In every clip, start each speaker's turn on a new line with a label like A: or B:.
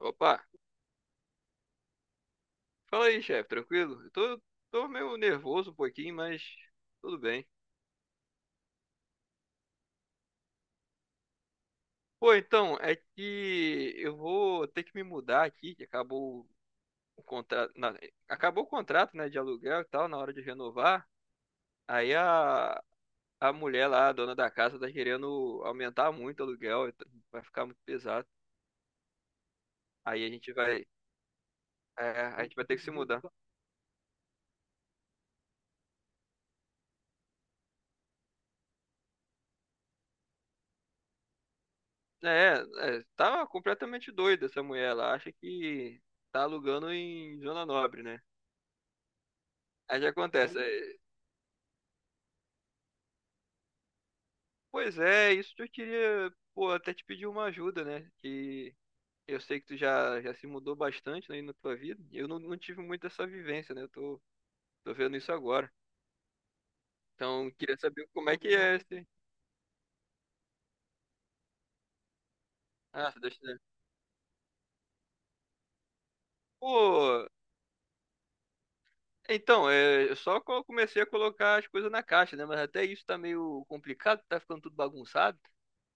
A: Opa, fala aí, chefe, tranquilo? Tô meio nervoso um pouquinho, mas tudo bem. Pô, então, é que eu vou ter que me mudar aqui, que acabou o contrato, na- acabou o contrato, né, de aluguel e tal, na hora de renovar. Aí a, a mulher lá, a dona da casa, tá querendo aumentar muito o aluguel, e vai ficar muito pesado. Aí a gente vai, é, a gente vai ter que se mudar. É, tá completamente doida essa mulher, ela acha que tá alugando em Zona Nobre, né? Aí o que acontece? É, Pois é, isso que eu queria, pô, até te pedir uma ajuda, né? Que eu sei que tu já se mudou bastante, né, aí na tua vida. Eu não, não tive muito essa vivência, né? Tô vendo isso agora. Então, queria saber como é que é esse. Ah, deixa eu ver. Pô, então, eu só comecei a colocar as coisas na caixa, né? Mas até isso tá meio complicado, tá ficando tudo bagunçado.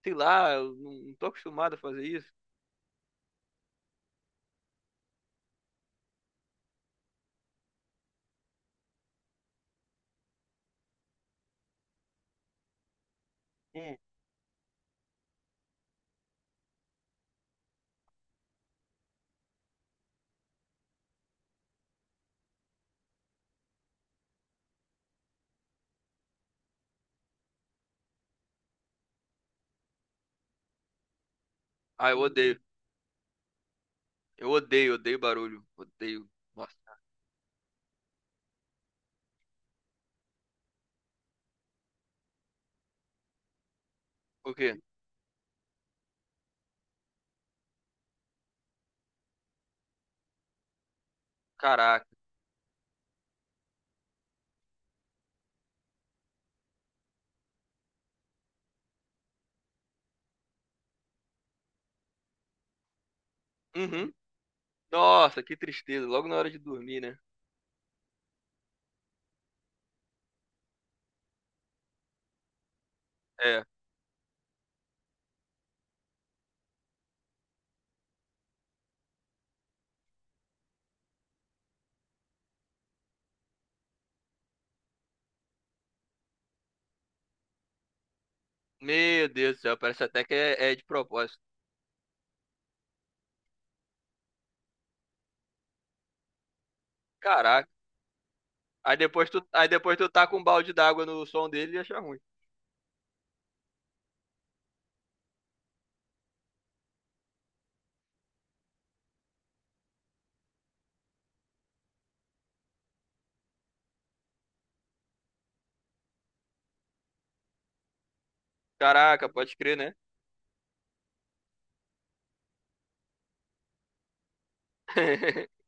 A: Sei lá, eu não, não tô acostumado a fazer isso. Hum. Ah, eu odeio. Eu odeio, odeio barulho. Odeio. Nossa. Por quê? Caraca. Uhum. Nossa, que tristeza. Logo na hora de dormir, né? É. Meu Deus do céu, parece até é de propósito. Caraca. Aí depois tu tá com um balde d'água no som dele e acha ruim. Caraca, pode crer, né?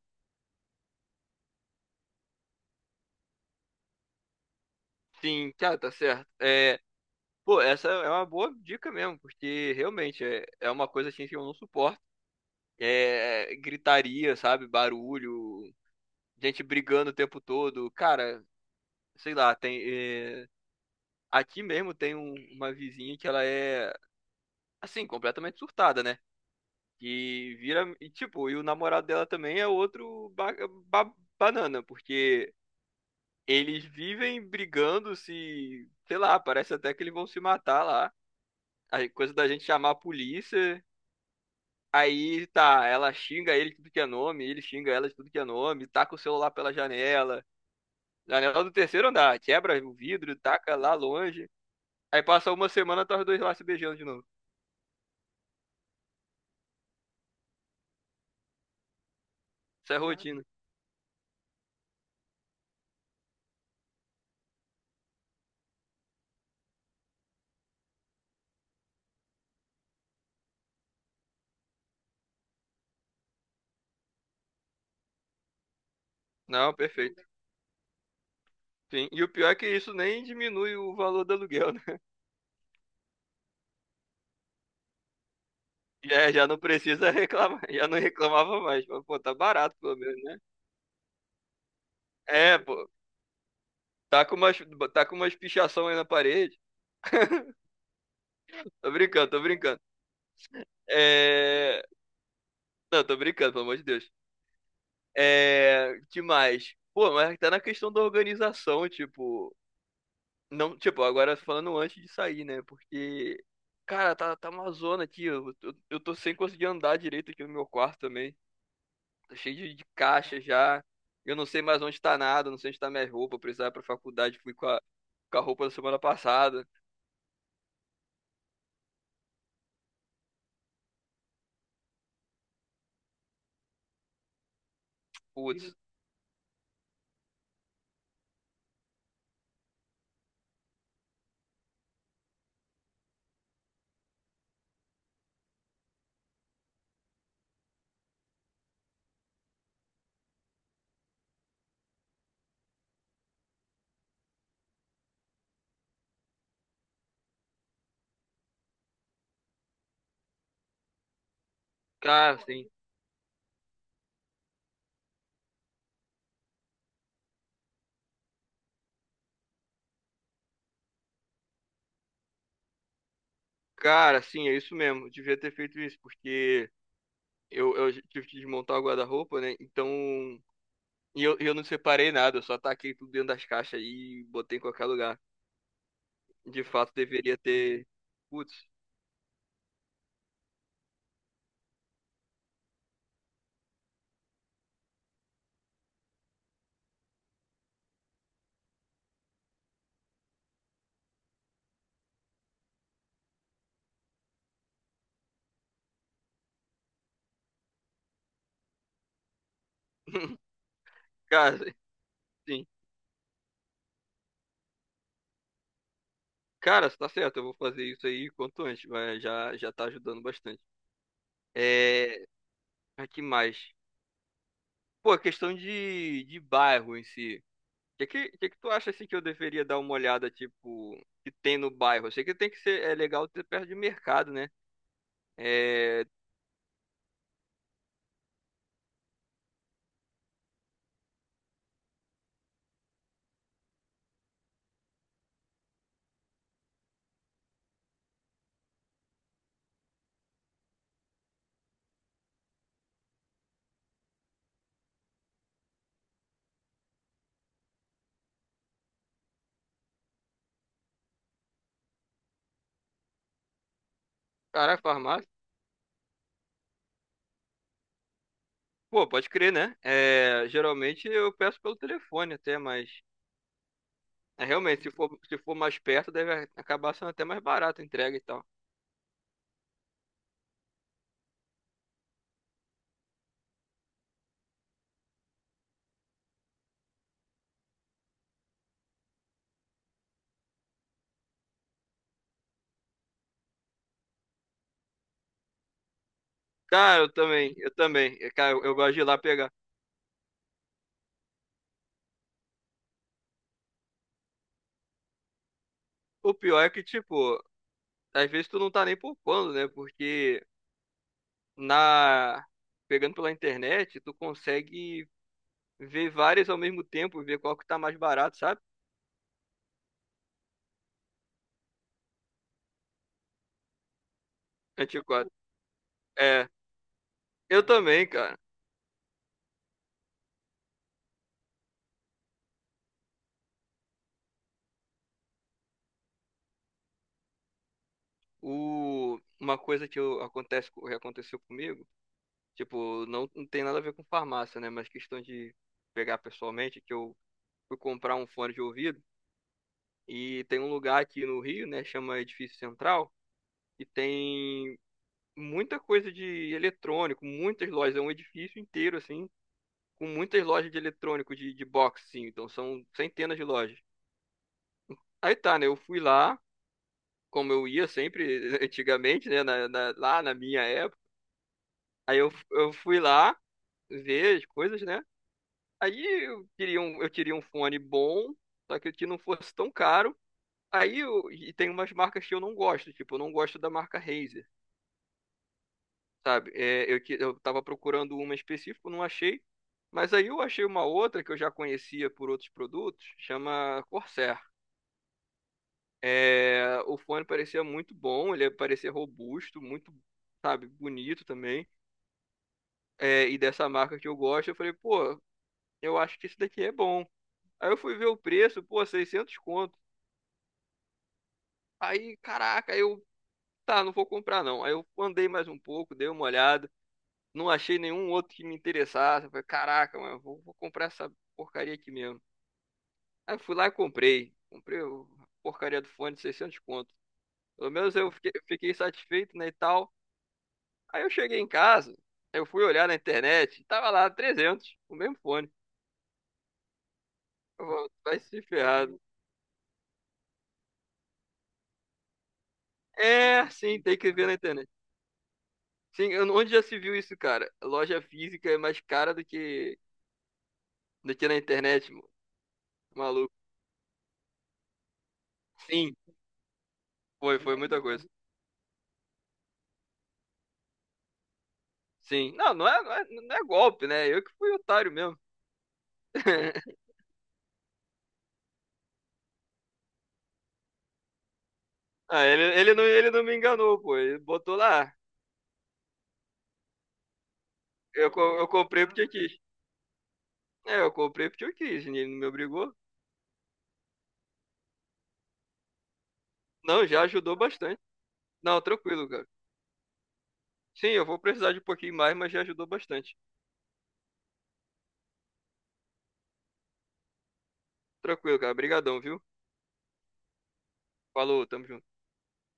A: Sim, cara, tá certo. É, pô, essa é uma boa dica mesmo, porque realmente é uma coisa assim que eu não suporto. É gritaria, sabe? Barulho, gente brigando o tempo todo. Cara, sei lá, aqui mesmo tem uma vizinha que ela é, assim, completamente surtada, né? E vira. E, tipo, e o namorado dela também é outro ba- banana, porque eles vivem brigando, se. Sei lá, parece até que eles vão se matar lá. A coisa da gente chamar a polícia. Aí tá, ela xinga ele de tudo que é nome, ele xinga ela de tudo que é nome, taca o celular pela janela. Janela do 3º andar, quebra o vidro, taca lá longe. Aí passa uma semana, tá os dois lá se beijando de novo. Isso é rotina. Não, perfeito. Sim, e o pior é que isso nem diminui o valor do aluguel, né? Já, já não precisa reclamar, já não reclamava mais. Mas, pô, tá barato pelo menos, né? É, pô, tá com umas, tá com umas pichação aí na parede. Tô brincando, tô brincando. É... Não, tô brincando, pelo amor de Deus. É... Demais. Pô, mas tá na questão da organização, tipo. Não, tipo, agora falando antes de sair, né? Porque, cara, tá uma zona aqui. Eu tô sem conseguir andar direito aqui no meu quarto também. Tá cheio de caixa já. Eu não sei mais onde tá nada, não sei onde tá minha roupa. Eu precisava ir pra faculdade, fui com a roupa da semana passada. Putz, cara, sim, cara, sim, é isso mesmo. Eu devia ter feito isso, porque eu tive que desmontar o guarda-roupa, né? Então, e eu não separei nada, eu só taquei tudo dentro das caixas e botei em qualquer lugar. De fato, deveria ter. Putz, cara, sim. Cara, você tá certo, eu vou fazer isso aí quanto antes, mas já, já tá ajudando bastante. É. Mas que mais? Pô, questão de bairro em si. O que tu acha assim que eu deveria dar uma olhada, tipo, que tem no bairro? Eu sei que tem que ser, é legal ter perto de mercado, né? É, caraca, farmácia. Pô, pode crer, né? É, geralmente eu peço pelo telefone até, mas é, realmente, se for mais perto, deve acabar sendo até mais barato a entrega e tal. Cara, eu também, eu também. Cara, eu gosto de ir lá pegar. O pior é que, tipo, às vezes tu não tá nem poupando, né? Porque na pegando pela internet, tu consegue ver várias ao mesmo tempo, ver qual que tá mais barato, sabe? Antiquado. É, eu também, cara. O, uma coisa que eu, acontece, que aconteceu comigo, tipo, não, não tem nada a ver com farmácia, né? Mas questão de pegar pessoalmente, que eu fui comprar um fone de ouvido e tem um lugar aqui no Rio, né? Chama Edifício Central e tem muita coisa de eletrônico, muitas lojas, é um edifício inteiro assim com muitas lojas de eletrônico de box, sim. Então são centenas de lojas. Aí tá, né? Eu fui lá, como eu ia sempre antigamente, né? Lá na minha época. Eu fui lá ver as coisas, né? Aí eu queria um fone bom, só que não fosse tão caro. Aí eu, e tem umas marcas que eu não gosto, tipo, eu não gosto da marca Razer, sabe? É, eu tava procurando uma específica, não achei. Mas aí eu achei uma outra que eu já conhecia por outros produtos, chama Corsair. É, o fone parecia muito bom, ele parecia robusto, muito, sabe, bonito também. É, e dessa marca que eu gosto, eu falei, pô, eu acho que isso daqui é bom. Aí eu fui ver o preço, pô, 600 conto. Aí, caraca, tá, não vou comprar não. Aí eu andei mais um pouco, dei uma olhada, não achei nenhum outro que me interessasse. Eu falei, caraca, mano, vou comprar essa porcaria aqui mesmo. Aí eu fui lá e comprei. Comprei a porcaria do fone de 600 conto. Pelo menos eu fiquei, fiquei satisfeito, né, e tal. Aí eu cheguei em casa, eu fui olhar na internet, tava lá 300, o mesmo fone. Eu falo, vai se ferrar. É, sim, tem que ver na internet. Sim, eu- onde já se viu isso, cara? Loja física é mais cara do que na internet, mo- maluco. Sim, foi, foi muita coisa. Sim. Não, não é golpe, né? Eu que fui otário mesmo. Ah, ele não me enganou, pô. Ele botou lá. Eu comprei porque eu quis. É, eu comprei porque eu quis. Ele não me obrigou. Não, já ajudou bastante. Não, tranquilo, cara. Sim, eu vou precisar de um pouquinho mais, mas já ajudou bastante. Tranquilo, cara. Obrigadão, viu? Falou, tamo junto.